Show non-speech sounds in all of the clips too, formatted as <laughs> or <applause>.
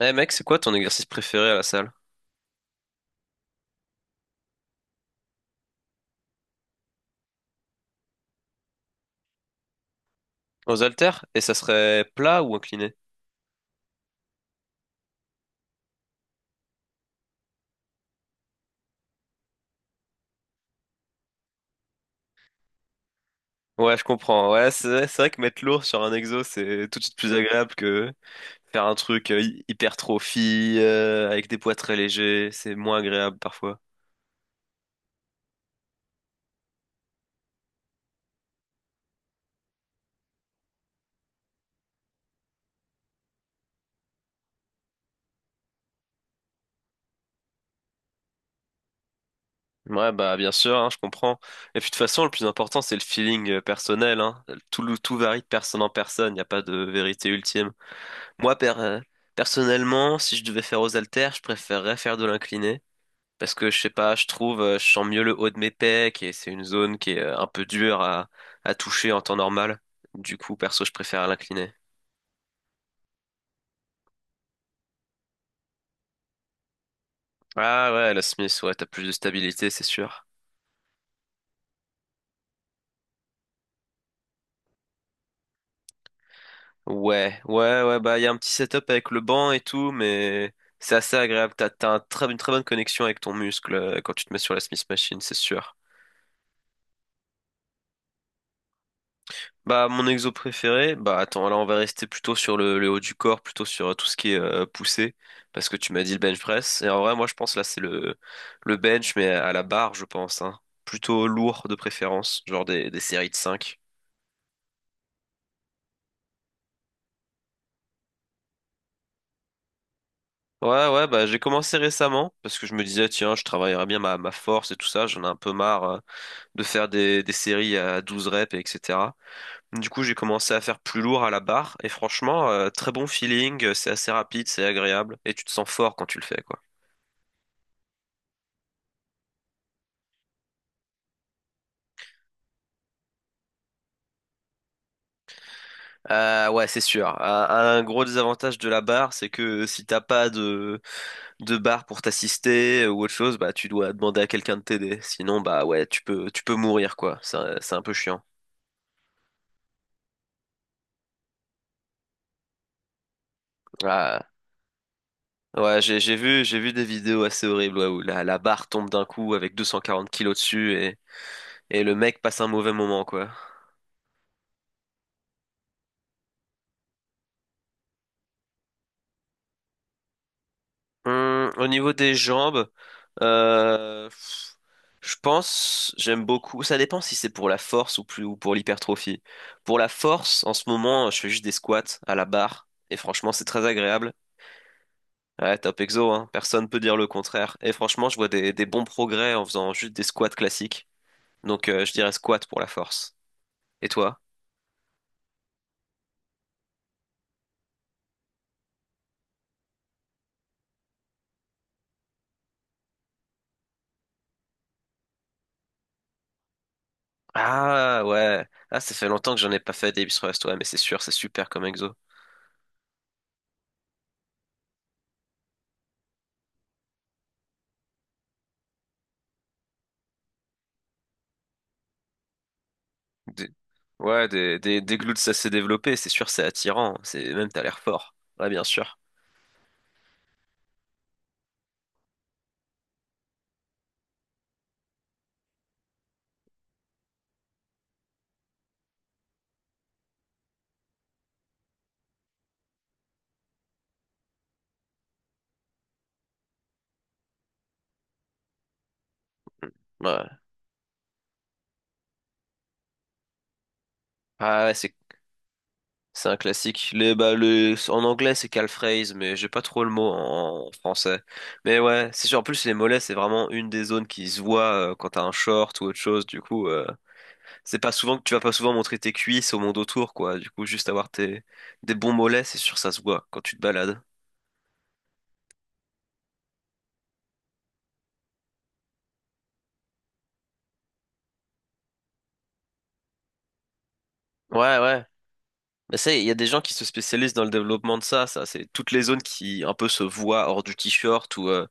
Eh mec, c'est quoi ton exercice préféré à la salle? Aux haltères? Et ça serait plat ou incliné? Ouais, je comprends. Ouais, c'est vrai que mettre lourd sur un exo, c'est tout de suite plus agréable que faire un truc hypertrophie, avec des poids très légers. C'est moins agréable parfois. Ouais, bah bien sûr, hein, je comprends. Et puis de toute façon, le plus important, c'est le feeling personnel, hein. Tout varie de personne en personne, il n'y a pas de vérité ultime. Moi, per- euh, Personnellement, si je devais faire aux haltères, je préférerais faire de l'incliné. Parce que je sais pas, je trouve, je sens mieux le haut de mes pecs et c'est une zone qui est un peu dure à toucher en temps normal. Du coup, perso, je préfère l'incliner. Ah ouais, la Smith, ouais, t'as plus de stabilité, c'est sûr. Ouais, ouais, ouais, bah il y a un petit setup avec le banc et tout, mais c'est assez agréable. T'as un une très bonne connexion avec ton muscle quand tu te mets sur la Smith Machine, c'est sûr. Bah, mon exo préféré, bah attends, là on va rester plutôt sur le haut du corps, plutôt sur tout ce qui est poussé, parce que tu m'as dit le bench press. Et en vrai, moi je pense là le bench, mais à la barre, je pense, hein. Plutôt lourd de préférence, genre des séries de cinq. Ouais, ouais, bah j'ai commencé récemment, parce que je me disais, tiens, je travaillerai bien ma force et tout ça, j'en ai un peu marre de faire des séries à 12 reps, et etc. Du coup, j'ai commencé à faire plus lourd à la barre, et franchement, très bon feeling, c'est assez rapide, c'est agréable, et tu te sens fort quand tu le fais, quoi. Ouais, c'est sûr. Un gros désavantage de la barre, c'est que si t'as pas de barre pour t'assister ou autre chose, bah tu dois demander à quelqu'un de t'aider. Sinon, bah ouais, tu peux mourir quoi. C'est un peu chiant. Ah. Ouais, j'ai vu des vidéos assez horribles ouais, où la barre tombe d'un coup avec 240 kilos dessus et le mec passe un mauvais moment quoi. Au niveau des jambes, euh, pff, je pense, j'aime beaucoup. Ça dépend si c'est pour la force ou plus ou pour l'hypertrophie. Pour la force, en ce moment, je fais juste des squats à la barre et franchement, c'est très agréable. Ouais, top exo, hein. Personne peut dire le contraire. Et franchement, je vois des bons progrès en faisant juste des squats classiques. Donc, je dirais squat pour la force. Et toi? Ah ouais, ah ça fait longtemps que j'en ai pas fait des biceps, ouais, mais c'est sûr, c'est super comme exo. Des- Ouais, des glutes, ça s'est développé, c'est sûr, c'est attirant. C'est même, t'as l'air fort. Ouais, bien sûr. Ouais. Ah ouais, c'est. C'est un classique. En anglais, c'est calfraise, mais j'ai pas trop le mot en français. Mais ouais, c'est sûr. En plus, les mollets, c'est vraiment une des zones qui se voit quand t'as un short ou autre chose. Du coup, c'est pas souvent que tu vas pas souvent montrer tes cuisses au monde autour, quoi. Du coup, des bons mollets, c'est sûr, ça se voit quand tu te balades. Ouais, ouais. Mais ça, il y a des gens qui se spécialisent dans le développement de ça. Ça, c'est toutes les zones qui un peu se voient hors du t-shirt ou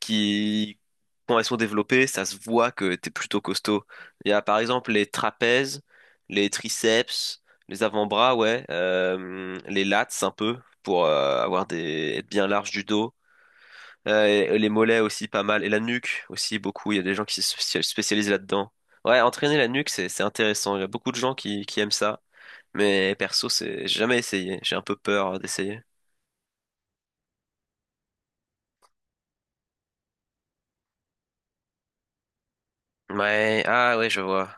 qui, quand elles sont développées, ça se voit que t'es plutôt costaud. Il y a par exemple les trapèzes, les triceps, les avant-bras, ouais, les lats un peu pour avoir des être bien large du dos. Et les mollets aussi pas mal et la nuque aussi beaucoup. Il y a des gens qui se spécialisent là-dedans. Ouais, entraîner la nuque c'est intéressant. Il y a beaucoup de gens qui aiment ça, mais perso c'est j'ai jamais essayé. J'ai un peu peur d'essayer. Ouais, ah ouais, je vois.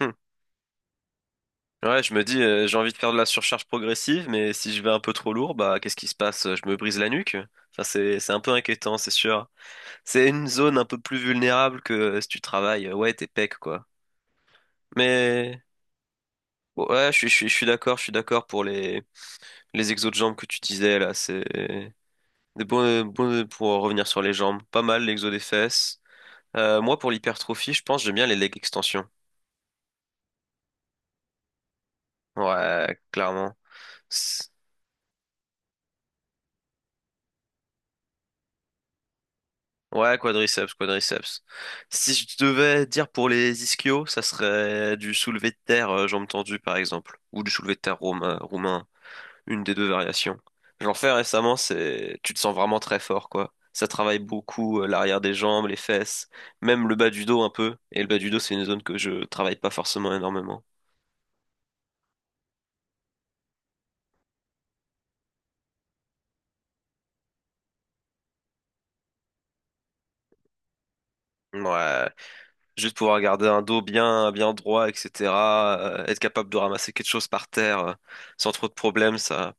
<laughs> Ouais, je me dis, j'ai envie de faire de la surcharge progressive, mais si je vais un peu trop lourd, bah qu'est-ce qui se passe? Je me brise la nuque? Ça, c'est un peu inquiétant, c'est sûr. C'est une zone un peu plus vulnérable que si tu travailles, ouais, tes pecs, quoi. Mais bon, ouais, je suis d'accord pour les exos de jambes que tu disais, là. C'est des bons, pour revenir sur les jambes. Pas mal, l'exo des fesses. Moi, pour l'hypertrophie, je pense, que j'aime bien les leg extensions. Ouais, clairement. Ouais, quadriceps, quadriceps. Si je devais dire pour les ischios, ça serait du soulevé de terre, jambes tendues par exemple, ou du soulevé de terre romain, roumain, une des deux variations. J'en fais récemment, c'est, tu te sens vraiment très fort, quoi. Ça travaille beaucoup l'arrière des jambes, les fesses, même le bas du dos un peu. Et le bas du dos, c'est une zone que je travaille pas forcément énormément. Ouais, juste pouvoir garder un dos bien, bien droit, etc. Être capable de ramasser quelque chose par terre sans trop de problèmes, ça.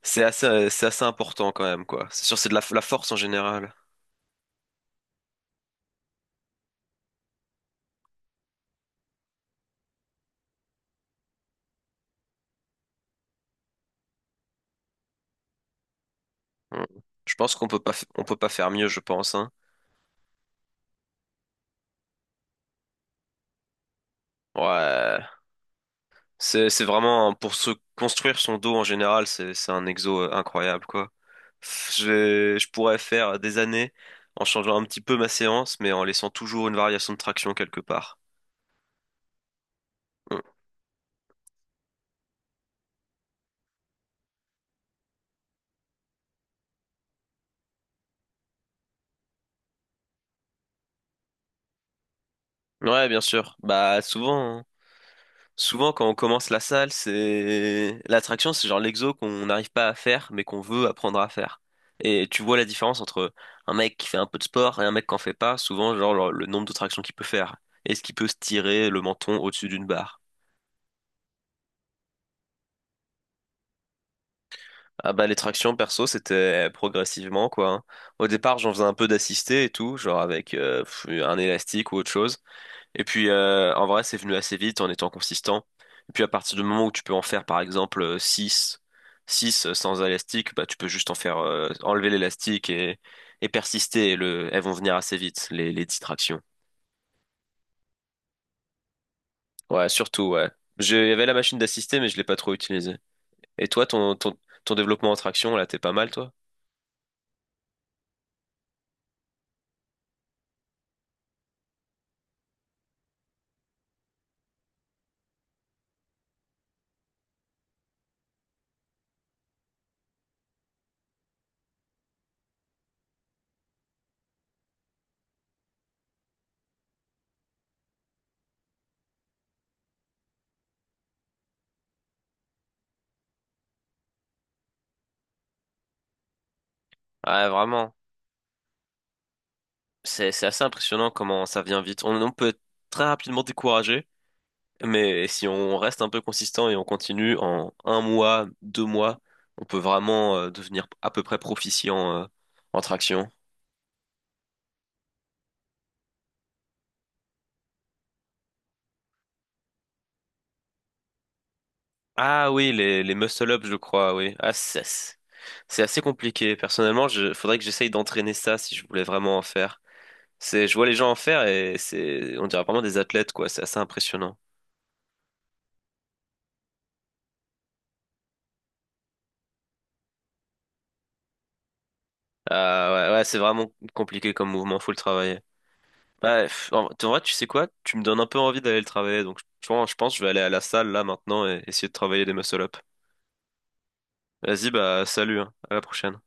C'est assez important quand même, quoi. C'est sûr, c'est de la force en général. Mm. Je pense qu'on peut pas, on peut pas faire mieux, je pense, hein. Ouais, c'est vraiment pour se construire son dos en général, c'est un exo incroyable quoi. Je pourrais faire des années en changeant un petit peu ma séance, mais en laissant toujours une variation de traction quelque part. Mm. Ouais, bien sûr. Bah souvent, hein. Souvent, quand on commence la salle, c'est l'attraction, c'est genre l'exo qu'on n'arrive pas à faire, mais qu'on veut apprendre à faire. Et tu vois la différence entre un mec qui fait un peu de sport et un mec qui en fait pas, souvent, genre le nombre de tractions qu'il peut faire. Est-ce qu'il peut se tirer le menton au-dessus d'une barre? Ah bah les tractions perso c'était progressivement quoi, hein. Au départ j'en faisais un peu d'assisté et tout, genre avec un élastique ou autre chose. Et puis, en vrai, c'est venu assez vite en étant consistant. Et puis, à partir du moment où tu peux en faire, par exemple, 6, sans élastique, bah, tu peux juste en faire, enlever l'élastique et persister. Et elles vont venir assez vite, les distractions. Ouais, surtout, ouais. Il y avait la machine d'assister, mais je l'ai pas trop utilisée. Et toi, ton développement en traction, là, t'es pas mal, toi? Ouais, vraiment. C'est assez impressionnant comment ça vient vite. On peut être très rapidement découragé, mais si on reste un peu consistant et on continue en un mois, 2 mois, on peut vraiment devenir à peu près proficient en traction. Ah oui, les muscle-up, je crois, oui. Ah, c'est assez compliqué. Personnellement, faudrait que j'essaye d'entraîner ça si je voulais vraiment en faire. C'est, je vois les gens en faire et c'est, on dirait vraiment des athlètes, quoi. C'est assez impressionnant. Ah ouais, ouais, c'est vraiment compliqué comme mouvement, faut le travailler. Bah, pff, en vrai, tu sais quoi? Tu me donnes un peu envie d'aller le travailler, donc je pense que je vais aller à la salle là maintenant et essayer de travailler des muscle-up. Vas-y, bah salut, hein. À la prochaine.